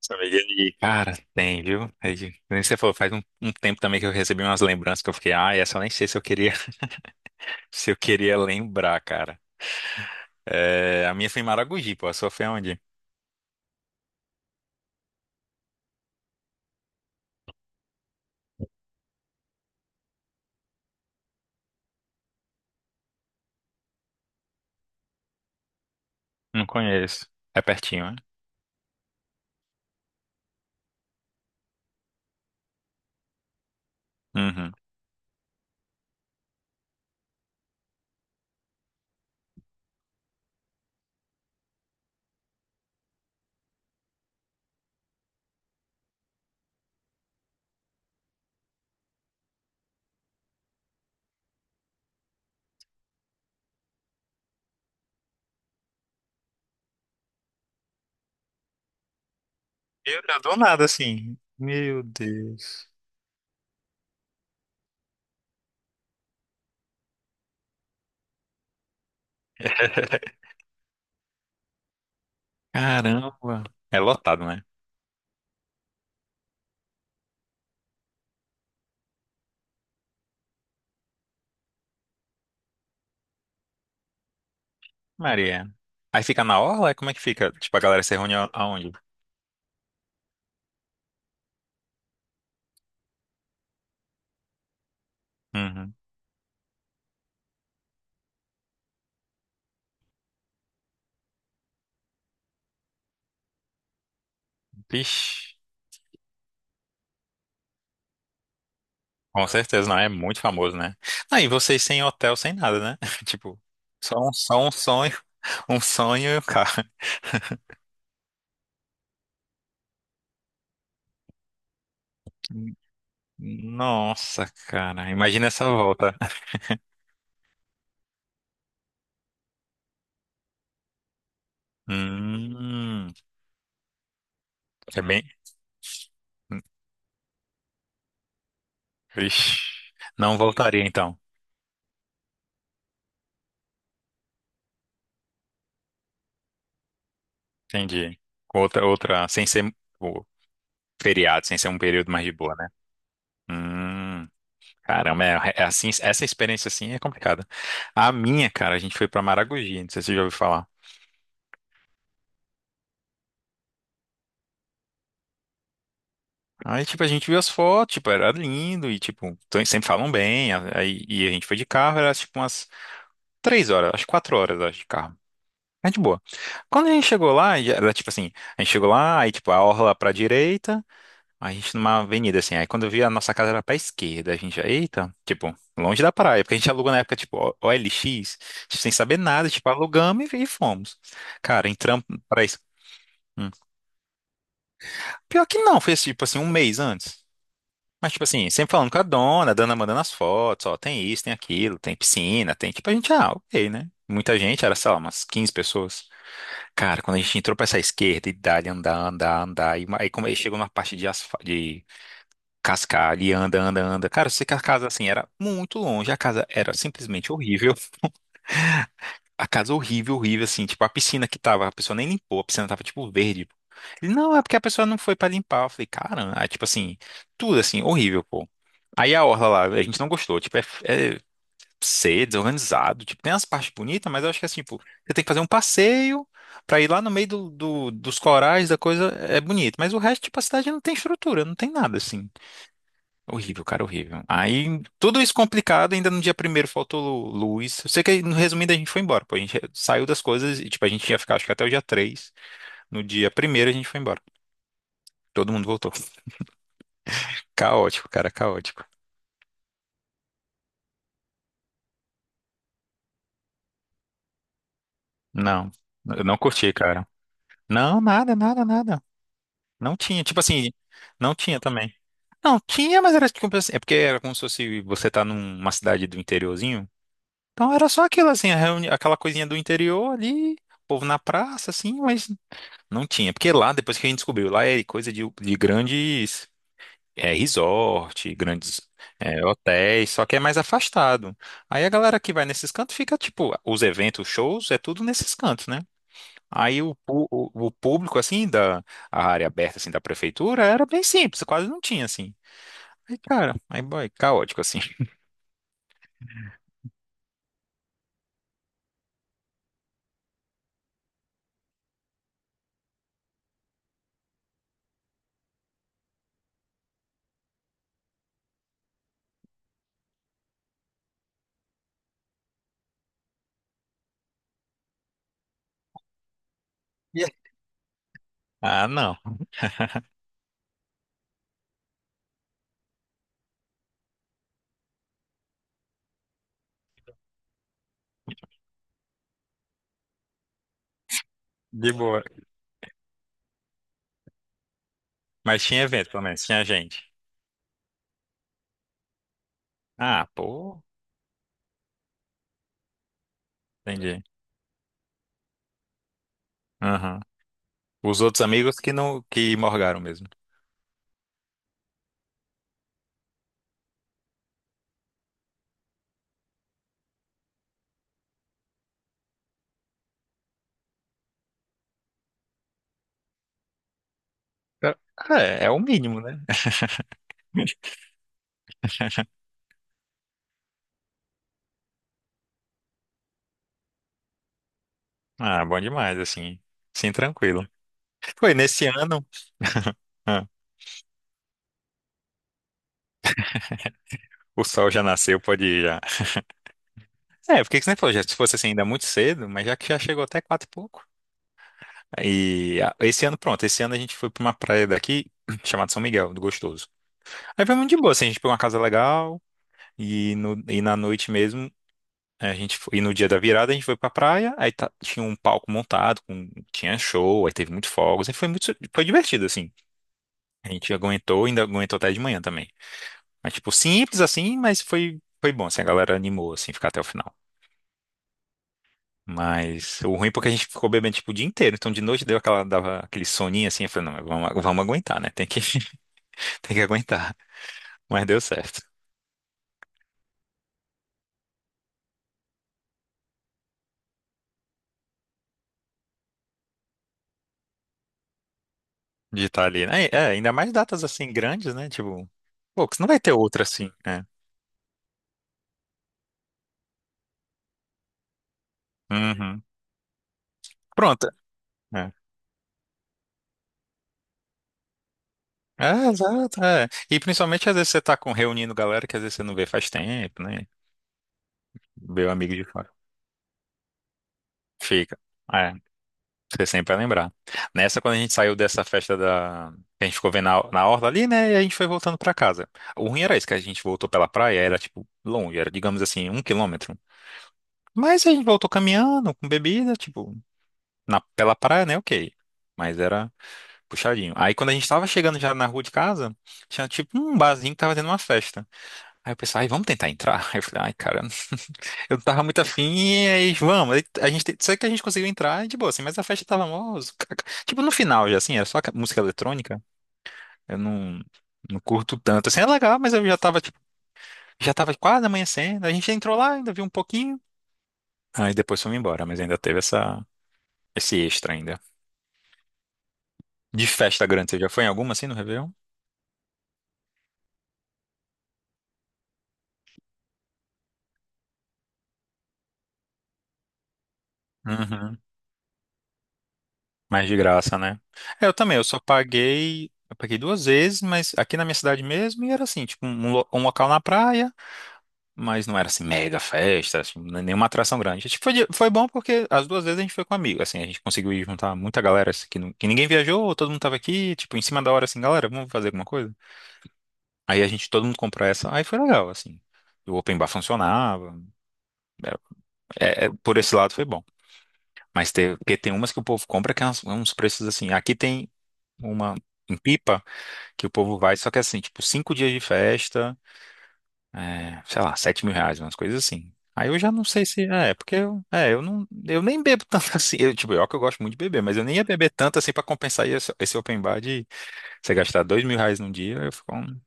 São Miguel e, cara, tem, viu? É que nem você falou, faz um tempo também que eu recebi umas lembranças que eu fiquei, ah, essa eu nem sei se eu queria, se eu queria lembrar, cara. É, a minha foi em Maragogi, pô, a sua foi onde? Não conheço. É pertinho, né? Uhum. Eu não dou nada assim. Meu Deus. Caramba. É lotado, né? Maria. Aí fica na orla? Como é que fica? Tipo, a galera se reúne aonde? Uhum. Vixe. Com certeza, não, é muito famoso, né? Aí vocês sem hotel, sem nada, né? Tipo, só um sonho, um sonho e o carro. Nossa, cara, imagina essa volta. Hum, é bem. Ixi, não voltaria então. Entendi. Outra, sem ser o feriado, sem ser um período mais de boa, né? Hum, caramba, é assim, essa experiência assim é complicada. A minha, cara, a gente foi pra Maragogi, não sei se você já ouviu falar. Aí, tipo, a gente viu as fotos, tipo, era lindo e, tipo, sempre falam bem. Aí, e a gente foi de carro, era, tipo, umas 3 horas, acho que 4 horas, acho, de carro. É de boa. Quando a gente chegou lá, já era, tipo assim, a gente chegou lá, aí, tipo, a orla pra direita, aí a gente numa avenida, assim. Aí, quando eu vi, a nossa casa era pra esquerda. A gente, já, eita, tipo, longe da praia, porque a gente alugou na época, tipo, OLX, sem saber nada, tipo, alugamos e fomos. Cara, entramos pra isso. Hum. Pior que não, foi, tipo, assim, um mês antes. Mas, tipo assim, sempre falando com a dona mandando as fotos, ó, tem isso, tem aquilo, tem piscina, tem, tipo, a gente, ah, ok, né? Muita gente, era, sei lá, umas 15 pessoas. Cara, quando a gente entrou pra essa esquerda e dali andar, andar, andar, e aí como aí chegou numa parte de, de cascalho e anda, anda, anda. Cara, eu sei que a casa, assim, era muito longe, a casa era simplesmente horrível. A casa horrível, horrível, assim, tipo, a piscina que tava, a pessoa nem limpou, a piscina tava, tipo, verde. Pô. Ele, não, é porque a pessoa não foi pra limpar. Eu falei, cara, ah, tipo assim, tudo assim, horrível, pô. Aí a orla lá, a gente não gostou, tipo, é ser desorganizado, tipo, tem as partes bonitas, mas eu acho que assim, tipo, você tem que fazer um passeio pra ir lá no meio dos corais, da coisa, é bonito, mas o resto, tipo, a cidade não tem estrutura, não tem nada, assim. Horrível, cara, horrível. Aí, tudo isso complicado, ainda no dia primeiro faltou luz. Eu sei que, no resumindo, a gente foi embora, pô. A gente saiu das coisas e, tipo, a gente ia ficar, acho que até o dia três. No dia primeiro a gente foi embora. Todo mundo voltou. Caótico, cara, caótico. Não, eu não curti, cara. Não, nada, nada, nada. Não tinha, tipo assim, não tinha também. Não, tinha, mas era tipo assim, é porque era como se fosse você tá numa cidade do interiorzinho. Então era só aquilo assim, aquela coisinha do interior ali, povo na praça, assim, mas não tinha, porque lá, depois que a gente descobriu, lá é coisa de grandes resort, grandes hotéis, só que é mais afastado. Aí a galera que vai nesses cantos fica, tipo, os eventos, shows, é tudo nesses cantos, né? Aí o público, assim, da a área aberta, assim, da prefeitura, era bem simples, quase não tinha, assim. Aí, cara, aí, boy, caótico, assim. Ah, não, de boa. Mas tinha evento, pelo menos, tinha gente. Ah, pô, entendi. Aham. Os outros amigos que não, que morgaram mesmo. Ah, é, é o mínimo, né? Ah, bom demais, assim. Sim, tranquilo. Foi nesse ano, ah, o sol já nasceu, pode ir já. É, porque que você nem falou, já, se fosse assim ainda muito cedo, mas já que já chegou até quatro e pouco. E esse ano, pronto, esse ano a gente foi pra uma praia daqui, chamada São Miguel, do Gostoso. Aí foi muito de boa, assim, a gente pegou uma casa legal, e, no, e na noite mesmo, a gente foi, e no dia da virada a gente foi pra praia, aí tinha um palco montado, com, tinha show, aí teve muito fogos, aí foi muito, foi divertido, assim. A gente aguentou, ainda aguentou até de manhã também. Mas, tipo, simples assim, mas foi bom, assim, a galera animou, assim, ficar até o final. Mas o ruim é porque a gente ficou bebendo, tipo, o dia inteiro. Então, de noite deu aquela, dava aquele soninho, assim, eu falei, não, vamos, aguentar, né? Tem que, tem que aguentar. Mas deu certo de estar ali, né? É, ainda mais datas, assim, grandes, né? Tipo, pô, que não vai ter outra, assim, né? Uhum. Pronto. É. É, exato, é. E principalmente, às vezes, você tá com, reunindo galera que às vezes você não vê faz tempo, né? Vê o amigo de fora. Fica. É. Você sempre vai lembrar. Nessa, quando a gente saiu dessa festa da... que a gente ficou vendo na orla ali, né? E a gente foi voltando pra casa. O ruim era isso, que a gente voltou pela praia, era, tipo, longe, era, digamos assim, 1 quilômetro. Mas a gente voltou caminhando, com bebida, tipo, na, pela praia, né? Ok. Mas era puxadinho. Aí, quando a gente tava chegando já na rua de casa, tinha, tipo, um barzinho que tava tendo uma festa. Aí eu pensei, ai, vamos tentar entrar? Aí eu falei, ai, cara, eu tava muito afim e aí, vamos. Aí a gente, só que a gente conseguiu entrar e de boa, assim, mas a festa tava mó... tipo, no final já, assim, era só música eletrônica. Eu não curto tanto. Assim, é legal, mas eu já tava, tipo, já tava quase amanhecendo. A gente entrou lá, ainda viu um pouquinho. Aí depois fomos embora, mas ainda teve essa, esse extra ainda. De festa grande, você já foi em alguma, assim, no Réveillon? Uhum. Mais de graça, né? É, eu também, eu só paguei... Eu paguei duas vezes, mas aqui na minha cidade mesmo, e era assim, tipo, um local na praia. Mas não era assim mega festa, assim, nenhuma atração grande. Tipo, foi, foi bom porque as duas vezes a gente foi com amigo, assim, a gente conseguiu ir juntar muita galera assim, que, que ninguém viajou, todo mundo tava aqui, tipo, em cima da hora assim, galera, vamos fazer alguma coisa? Aí a gente, todo mundo comprou essa, aí foi legal, assim. O open bar funcionava, por esse lado foi bom. Mas tem, porque tem umas que o povo compra que é uns, preços assim, aqui tem uma em Pipa que o povo vai, só que é assim, tipo, 5 dias de festa. É, sei lá, R$ 7.000, umas coisas assim. Aí eu já não sei se. É, porque eu não. Eu nem bebo tanto assim. Eu, tipo, eu que eu gosto muito de beber, mas eu nem ia beber tanto assim pra compensar esse open bar de você gastar R$ 2.000 num dia, eu fico.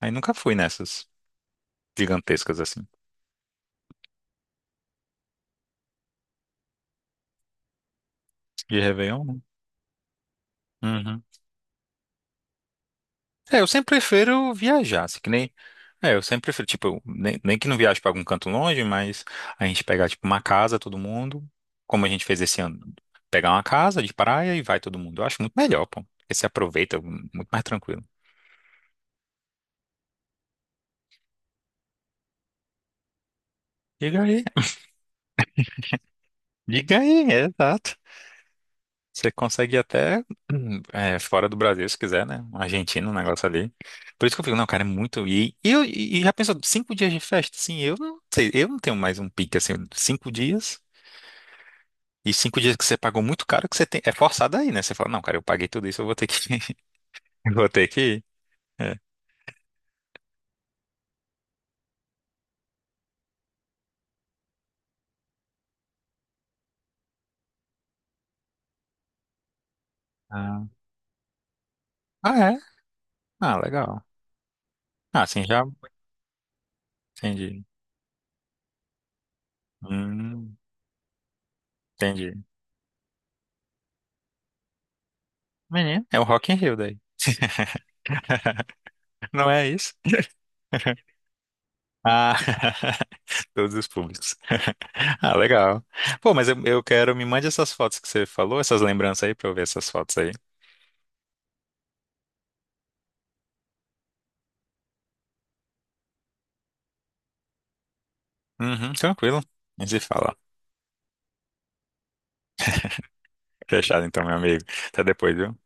Aí nunca fui nessas gigantescas assim. De Réveillon? Né? É, eu sempre prefiro viajar, assim, que nem. É, eu sempre prefiro, tipo, eu nem que não viaje pra algum canto longe, mas a gente pegar, tipo, uma casa, todo mundo, como a gente fez esse ano, pegar uma casa de praia e vai todo mundo. Eu acho muito melhor, pô. Porque se aproveita muito mais tranquilo. Diga aí, diga aí, é, exato. Você consegue ir até fora do Brasil, se quiser, né? Um argentino, um negócio ali. Por isso que eu fico, não, cara, é muito. E já pensou, 5 dias de festa? Sim, eu não sei, eu não tenho mais um pique assim, 5 dias. E 5 dias que você pagou muito caro, que você tem, é forçado aí, né? Você fala, não, cara, eu paguei tudo isso, eu vou ter que, eu vou ter que ir. É. Ah, ah, é? Ah, legal. Ah, assim já entendi. Hum, entendi. Menino, é o Rock in Rio daí. Não é isso? Ah, todos os públicos. Ah, legal. Pô, mas eu quero, me mande essas fotos que você falou, essas lembranças aí, pra eu ver essas fotos aí. Uhum, tranquilo. A gente se fala. Fechado então, meu amigo. Até depois, viu?